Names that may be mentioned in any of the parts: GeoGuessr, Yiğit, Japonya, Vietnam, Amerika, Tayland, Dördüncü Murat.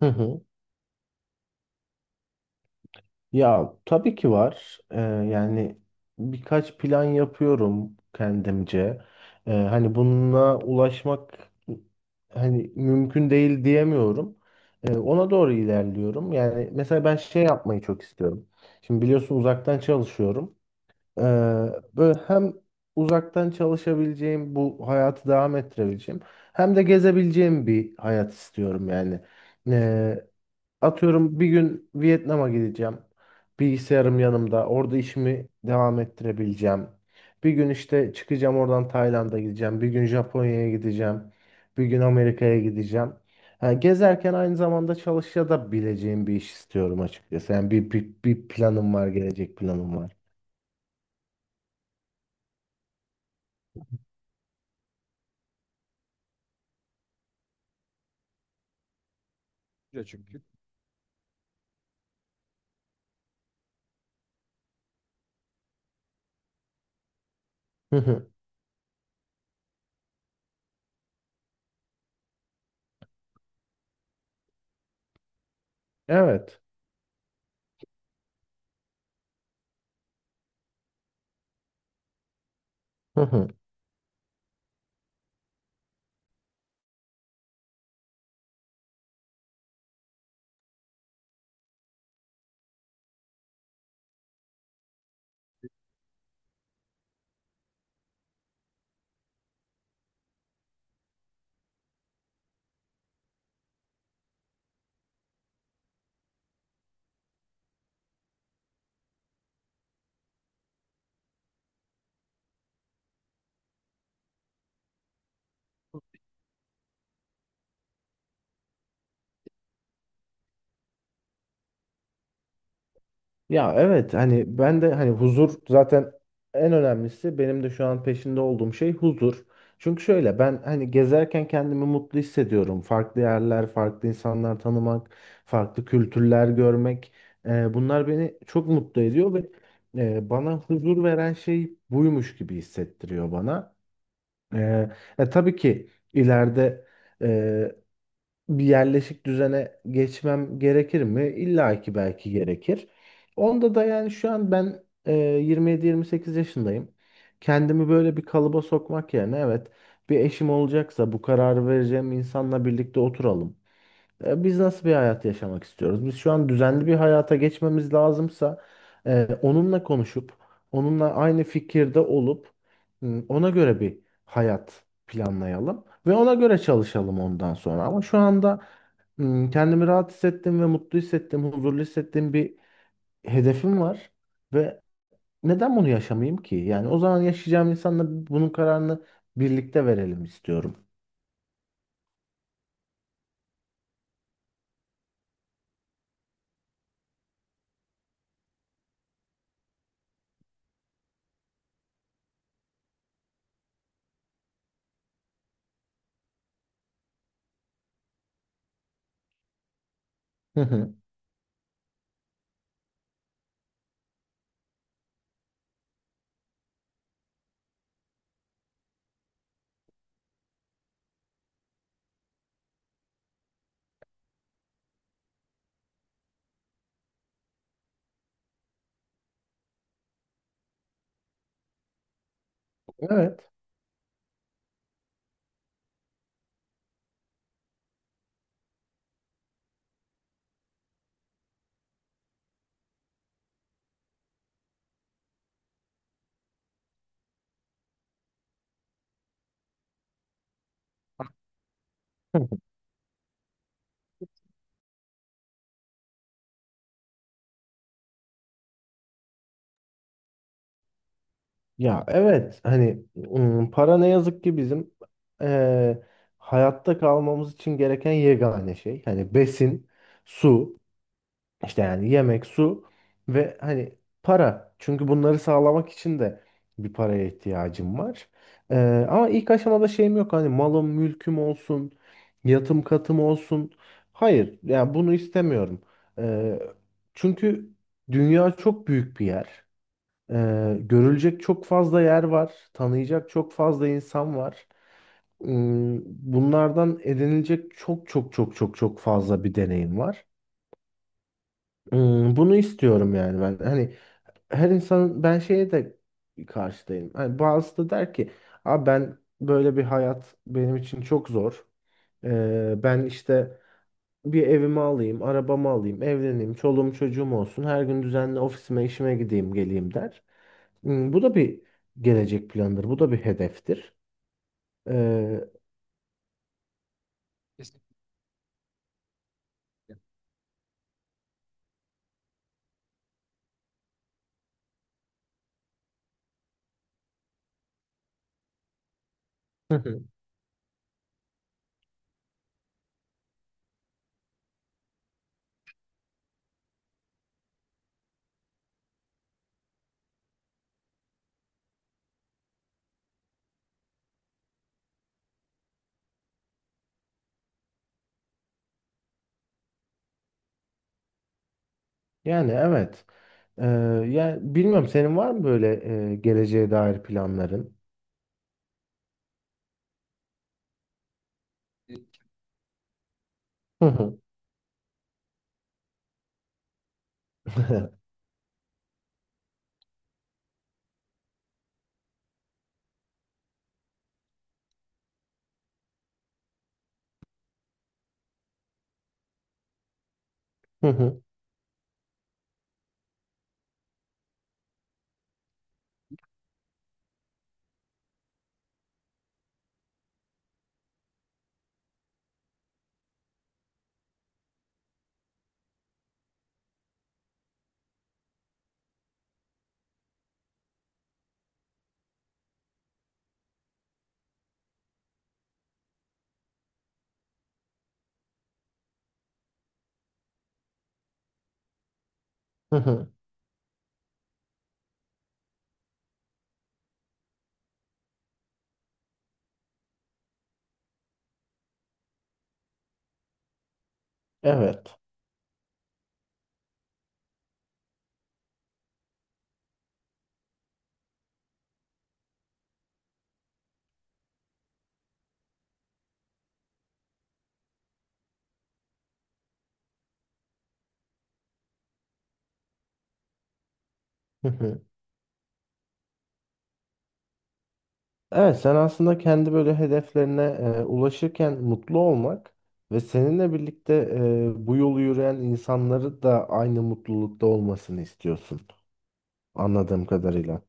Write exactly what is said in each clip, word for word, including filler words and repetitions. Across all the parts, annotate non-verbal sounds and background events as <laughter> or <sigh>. Hı hı. Ya tabii ki var. Ee, yani birkaç plan yapıyorum kendimce. Ee, hani bununla ulaşmak hani mümkün değil diyemiyorum. Ee, ona doğru ilerliyorum. Yani mesela ben şey yapmayı çok istiyorum. Şimdi biliyorsun uzaktan çalışıyorum. Ee, Böyle hem uzaktan çalışabileceğim, bu hayatı devam ettirebileceğim, hem de gezebileceğim bir hayat istiyorum yani. Ee, Atıyorum bir gün Vietnam'a gideceğim. Bilgisayarım yanımda. Orada işimi devam ettirebileceğim. Bir gün işte çıkacağım oradan Tayland'a gideceğim. Bir gün Japonya'ya gideceğim. Bir gün Amerika'ya gideceğim. Ha, gezerken aynı zamanda çalışa da bileceğim bir iş istiyorum açıkçası. Yani bir, bir, bir planım var, gelecek planım var. <laughs> Hı hı. Evet. Hı hı. Ya evet hani ben de hani huzur zaten en önemlisi benim de şu an peşinde olduğum şey huzur. Çünkü şöyle ben hani gezerken kendimi mutlu hissediyorum. Farklı yerler, farklı insanlar tanımak, farklı kültürler görmek. E, bunlar beni çok mutlu ediyor ve e, bana huzur veren şey buymuş gibi hissettiriyor bana. E, e, tabii ki ileride bir yerleşik düzene geçmem gerekir mi? İlla ki belki gerekir. Onda da yani şu an ben e, yirmi yedi yirmi sekiz yaşındayım. Kendimi böyle bir kalıba sokmak yerine evet bir eşim olacaksa bu kararı vereceğim insanla birlikte oturalım. E, biz nasıl bir hayat yaşamak istiyoruz? Biz şu an düzenli bir hayata geçmemiz lazımsa e, onunla konuşup onunla aynı fikirde olup m, ona göre bir hayat planlayalım ve ona göre çalışalım ondan sonra. Ama şu anda Hmm, kendimi rahat hissettim ve mutlu hissettim, huzurlu hissettiğim bir hedefim var ve neden bunu yaşamayayım ki? Yani o zaman yaşayacağım insanla bunun kararını birlikte verelim istiyorum. Hı hı. Evet. Hı hı. Ya evet hani ım, para ne yazık ki bizim eee, hayatta kalmamız için gereken yegane şey. Hani besin, su. İşte yani yemek, su ve hani para. Çünkü bunları sağlamak için de bir paraya ihtiyacım var. Ee, ama ilk aşamada şeyim yok. Hani malım, mülküm olsun, yatım katım olsun. Hayır, yani bunu istemiyorum. Ee, Çünkü dünya çok büyük bir yer. Ee, görülecek çok fazla yer var. Tanıyacak çok fazla insan var. Hmm, Bunlardan edinilecek çok çok çok çok çok fazla bir deneyim var. Hmm, bunu istiyorum yani ben. Hani her insanın ben şeye de karşıdayım. Hani bazısı da der ki abi ben böyle bir hayat benim için çok zor. Ee, ben işte bir evimi alayım, arabamı alayım, evleneyim, çoluğum çocuğum olsun. Her gün düzenli ofisime, işime gideyim, geleyim der. Hmm, bu da bir gelecek planıdır. Bu da bir hedeftir. Ee, Kesin. Hı hı. Yani evet. Ee, Yani bilmiyorum senin var mı böyle e, geleceğe dair planların? Hı hı. <laughs> Hı hı, hı hı. Evet. Hı hı. Evet, sen aslında kendi böyle hedeflerine e, ulaşırken mutlu olmak ve seninle birlikte e, bu yolu yürüyen insanları da aynı mutlulukta olmasını istiyorsun. Anladığım kadarıyla.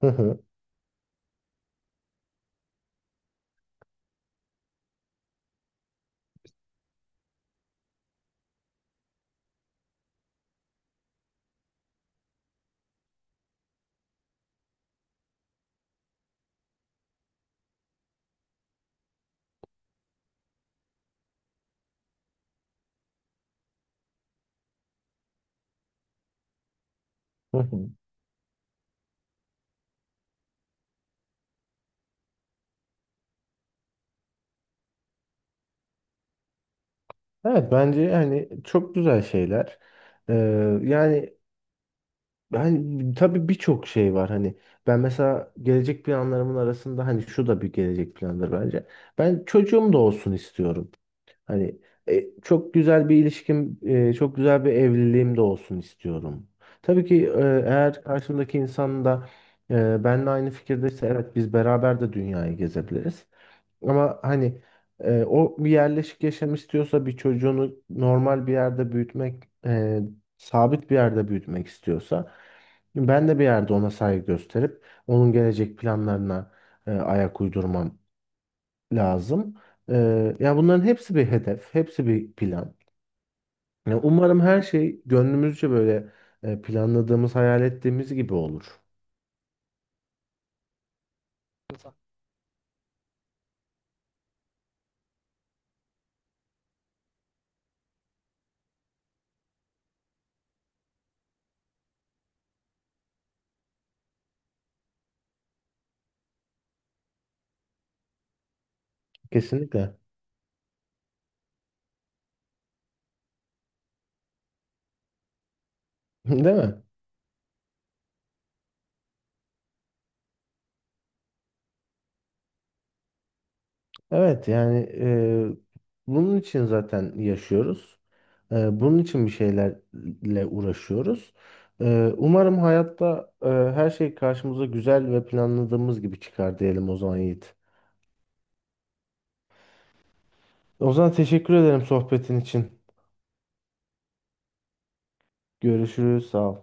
Hı hı, hı hı. Evet bence hani çok güzel şeyler. Ee, yani Ben tabii birçok şey var hani ben mesela gelecek planlarımın arasında hani şu da bir gelecek plandır bence. Ben çocuğum da olsun istiyorum. Hani e, çok güzel bir ilişkim, e, çok güzel bir evliliğim de olsun istiyorum. Tabii ki e, eğer karşımdaki insan da e, benimle aynı fikirdeyse evet biz beraber de dünyayı gezebiliriz. Ama hani e, o bir yerleşik yaşam istiyorsa bir çocuğunu normal bir yerde büyütmek, e, sabit bir yerde büyütmek istiyorsa ben de bir yerde ona saygı gösterip onun gelecek planlarına e, ayak uydurmam lazım. E, ya bunların hepsi bir hedef, hepsi bir plan. Ya umarım her şey gönlümüzce böyle e, planladığımız, hayal ettiğimiz gibi olur. Kesinlikle. <laughs> Değil mi? Evet yani e, bunun için zaten yaşıyoruz. Ee, bunun için bir şeylerle uğraşıyoruz. Ee, umarım hayatta e, her şey karşımıza güzel ve planladığımız gibi çıkar diyelim o zaman Yiğit. O zaman teşekkür ederim sohbetin için. Görüşürüz, sağ ol.